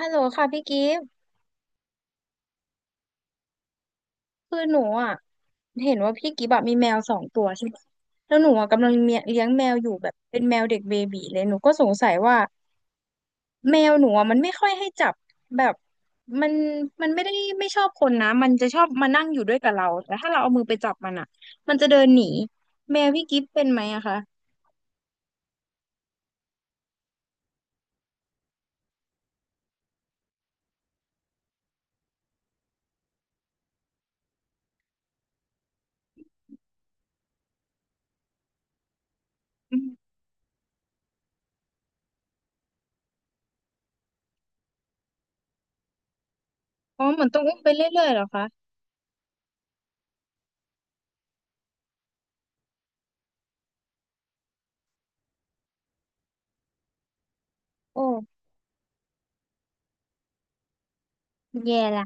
ฮัลโหลค่ะพี่กิฟต์คือหนูอ่ะเห็นว่าพี่กิฟต์อะมีแมวสองตัวใช่ไหมแล้วหนูอ่ะกำลังเมียเลี้ยงแมวอยู่แบบเป็นแมวเด็กเบบีเลยหนูก็สงสัยว่าแมวหนูอ่ะมันไม่ค่อยให้จับแบบมันมันไม่ได้ไม่ชอบคนนะมันจะชอบมานั่งอยู่ด้วยกับเราแต่ถ้าเราเอามือไปจับมันอ่ะมันจะเดินหนีแมวพี่กิฟต์เป็นไหมอะคะอมอ๋อเหมือนต้องอุ้มไปเรื่อยๆเหรอคะโอ้แย่ละ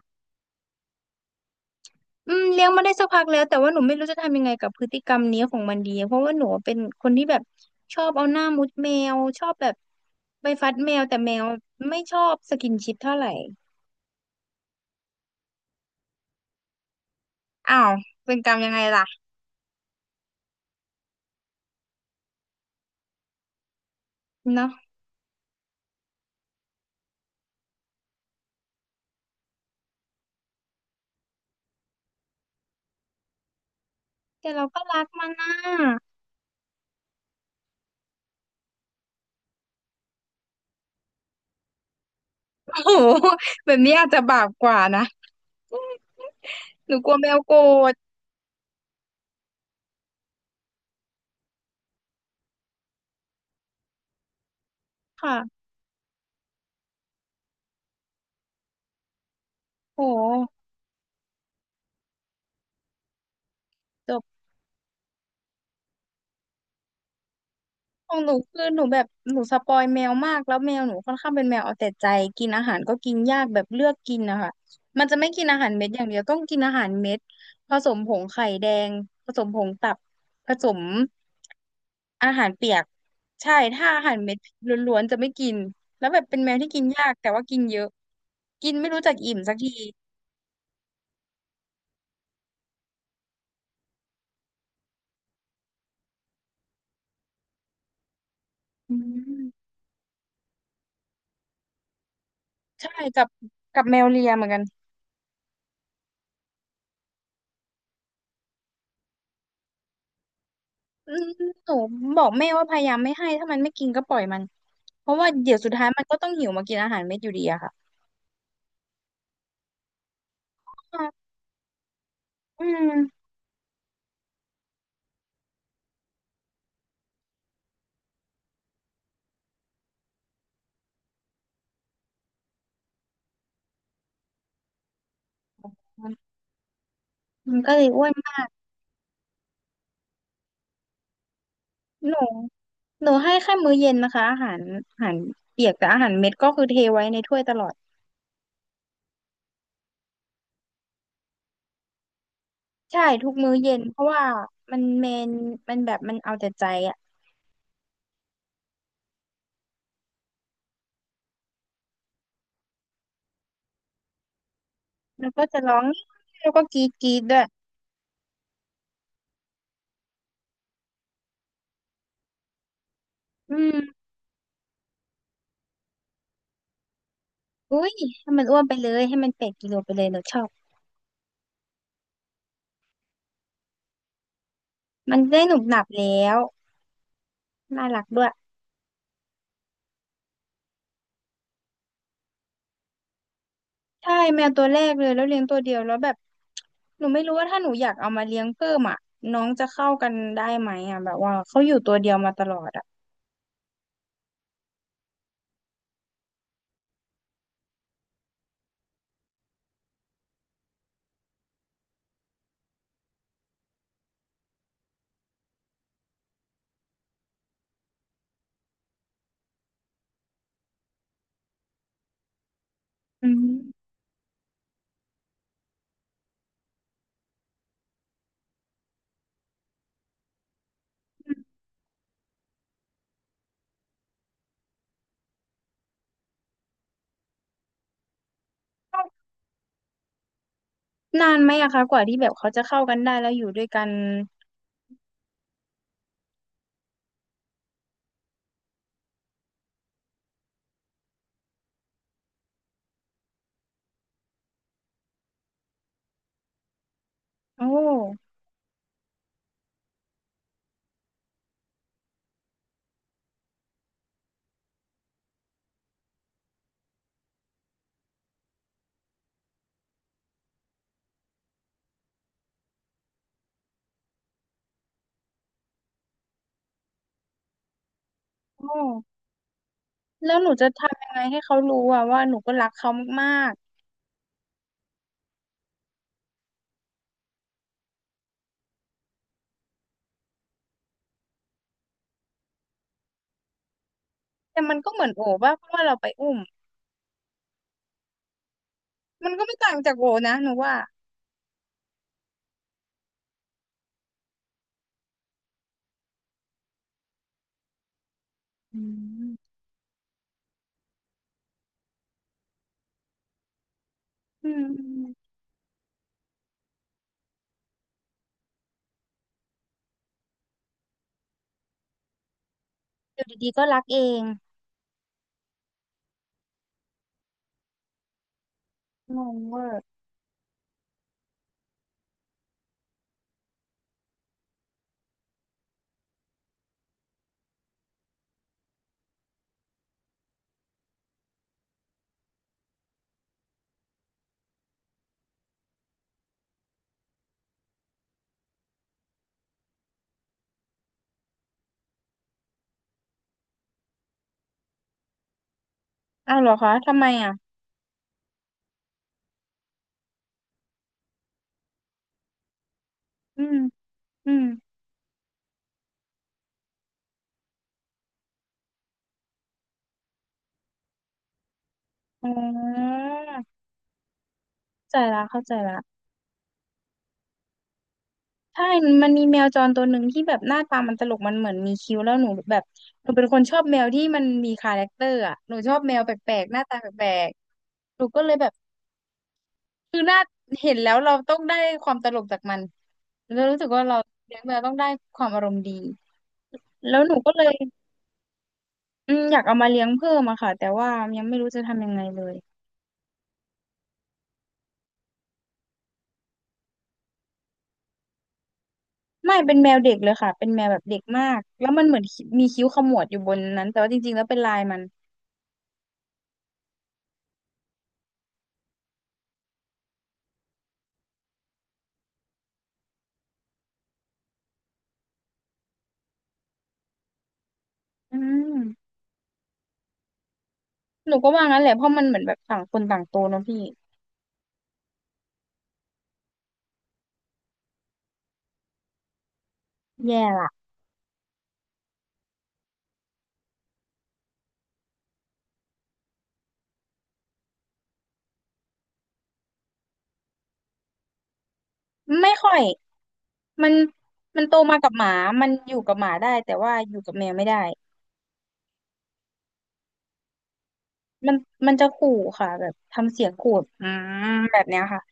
อืมเลี้ยงมาได้สักพักแล้วแต่ว่าหนูไม่รู้จะทำยังไงกับพฤติกรรมนี้ของมันดีเพราะว่าหนูเป็นคนที่แบบชอบเอาหน้ามุดแมวชอบแบบไปฟัดแมวแต่แมวไม่ชอบสกินชิปเท่าไหร่อ้าวเป็นกรรมยังไงล่ะเนาะแต่เราก็รักมันน่ะโอ้โหแบบนี้อาจจะบาปกว่านะหนูกลัวแมวโกรธค่ะโอ้โหจบ ของหนูคือหนูแบบหนูสปอยแมวมากแล้วแมวหนูค่อนข้างเป็นแมวเอาแต่ใจกินอาหารก็กินยากแบบเลือกกินนะคะมันจะไม่กินอาหารเม็ดอย่างเดียวต้องกินอาหารเม็ดผสมผงไข่แดงผสมผงตับผสมอาหารเปียกใช่ถ้าอาหารเม็ดล้วนๆจะไม่กินแล้วแบบเป็นแมวที่กินยากแต่ว่ากินเยอะกินไม่รู้จักอิ่มสักทีอืมใช่กับแมวเลียเหมือนกัน อืมหนูบอกแม่ว่าพยายามไม่ให้ถ้ามันไม่กินก็ปล่อยมันเพราะว่าเดี๋ยวสุดท้ายมันก็ต้องหิวมากินอาหารเม็ดอยู่ดีอะค่ะอ่ะอืมมันก็เลยอ้วนมากหนูหนูให้แค่มื้อเย็นนะคะอาหารอาหารเปียกแต่อาหารเม็ดก็คือเทไว้ในถ้วยตลอดใช่ทุกมื้อเย็นเพราะว่ามันเมนมันแบบมันเอาแต่ใจอะแล้วก็จะร้องแล้วก็กรีดกรีดด้วยอืมอุ้ยให้มันอ้วนไปเลยให้มัน8 กิโลไปเลยหนูชอบมันได้หนุบหนับแล้วน่ารักด้วย ใช่แมวตัวแรกเลยแล้วเลี้ยงตัวเดียวแล้วแบบหนูไม่รู้ว่าถ้าหนูอยากเอามาเลี้ยงเพิ่มอ่ะน้องจะเข้ากันได้ไหมอ่ะแบบว่าเขาอยู่ตัวเดียวมาตลอดอ่ะอืมนานไหมอะคะกว่าที่แบบเขาจะเข้ากันได้แล้วอยู่ด้วยกันโอ้โอ้แล้วหนูจะทำยังไงให้เขารู้อะว่าหนูก็รักเขามากๆแต่มันก็เหมือนโอว่าเพราะว่าเราไปอุ้มมันก็ไม่ต่างจากโอนะหนูว่าอืมอืมอยู่ดีๆก็รักเองงงเวอร์อ้าวเหรอคะทำไมอ่ะอืมอืม อ๋อเข้าใจละเข้าใจละใช่มันมีแมวจรตัวหนึ่งที่แบบหน้าตามันตลกมันเหมือนมีคิ้วแล้วหนูแบบหนูเป็นคนชอบแมวที่มันมีคาแรคเตอร์อ่ะหนูชอบแมวแปลกๆหน้าตาแปลกๆหนูก็เลยแบบคือหน้าเห็นแล้วเราต้องได้ความตลกจากมันเรารู้สึกว่าเราเลี้ยงแมวต้องได้ความอารมณ์ดีแล้วหนูก็เลยอืมอยากเอามาเลี้ยงเพิ่มอะค่ะแต่ว่ายังไม่รู้จะทำยังไงเลยไม่เป็นแมวเด็กเลยค่ะเป็นแมวแบบเด็กมากแล้วมันเหมือนมีคิ้วขมวดอยู่บนนั้นแต่ว่าจริงๆแล้วเป็นลายมัน อืมหนูก็ว่างั้นแหละเพราะมันเหมือนแบบต่างคนต่างโตเนอะพี่แย่ละไม่ค่อยมันมันโตมากับหมามันอยู่กับหมาได้แต่ว่าอยู่กับแมวไม่ได้มันมันจะขู่ค่ะแบบทำเสียงขู่อืมแบบเนี้ยค่ะ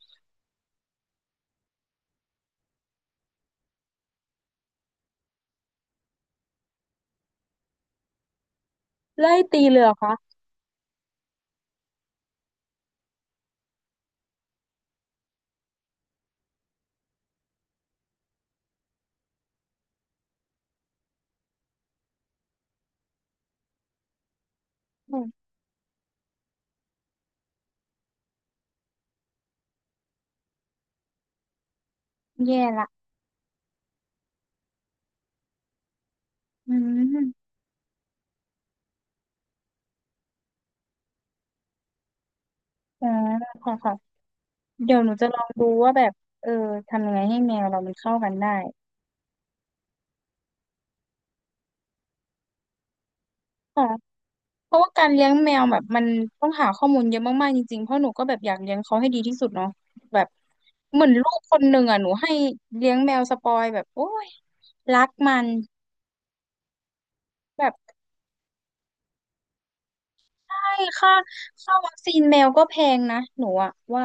ไล่ตีเลยเหรือคะอืมแย่ละอืมอ๋อค่ะค่ะเดี๋ยวหนูจะลองดูว่าแบบเออทำยังไงให้แมวเรามันเข้ากันได้ เพราะว่าการเลี้ยงแมวแบบมันต้องหาข้อมูลเยอะมากๆจริงๆ เพราะหนูก็แบบอยากเลี้ยงเขาให้ดีที่สุดเนาะแบบเหมือนลูกคนหนึ่งอ่ะหนูให้เลี้ยงแมวสปอยแบบโอ้ยรักมันแบบใช่ค่าวัคซีนแมวก็แพงนะหนูอะว่า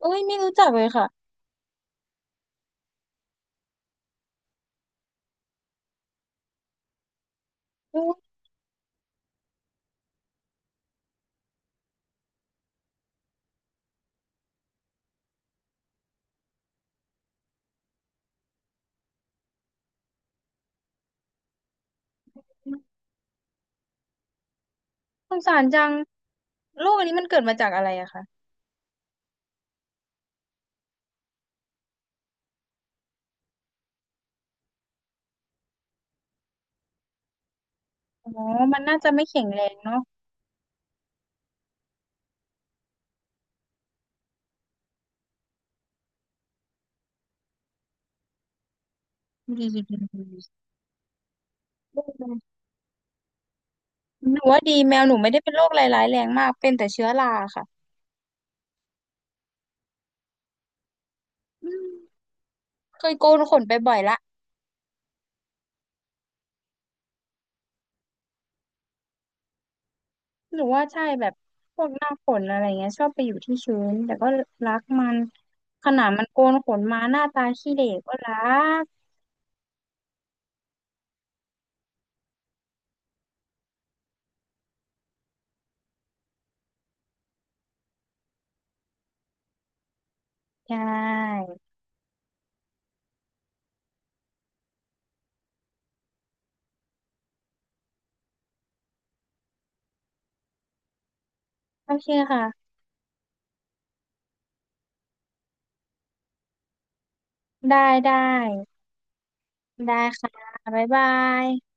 เอ้ยไม่รู้จักเลยค่ะอุ้ยสงสารจังโรคอันนี้มันเกิดมาจากอะไรอะคะอ๋อมันน่าจะไม่แข็งแรงเนาะดีหนูว่าดีแมวหนูไม่ได้เป็นโรคร้ายๆแรงมากเป็นแต่เชื้อราค่ะอืม เคยโกนขนไปบ่อยละหรือว่าใช่แบบพวกหน้าขนอะไรเงี้ยชอบไปอยู่ที่ชื้นแต่ก็รักมันขนาดมันโกนขนมาหน้าตาขี้เหร่ก็รักใช่โอเคค่ะได้ได้ได้ค่ะบ๊ายบาย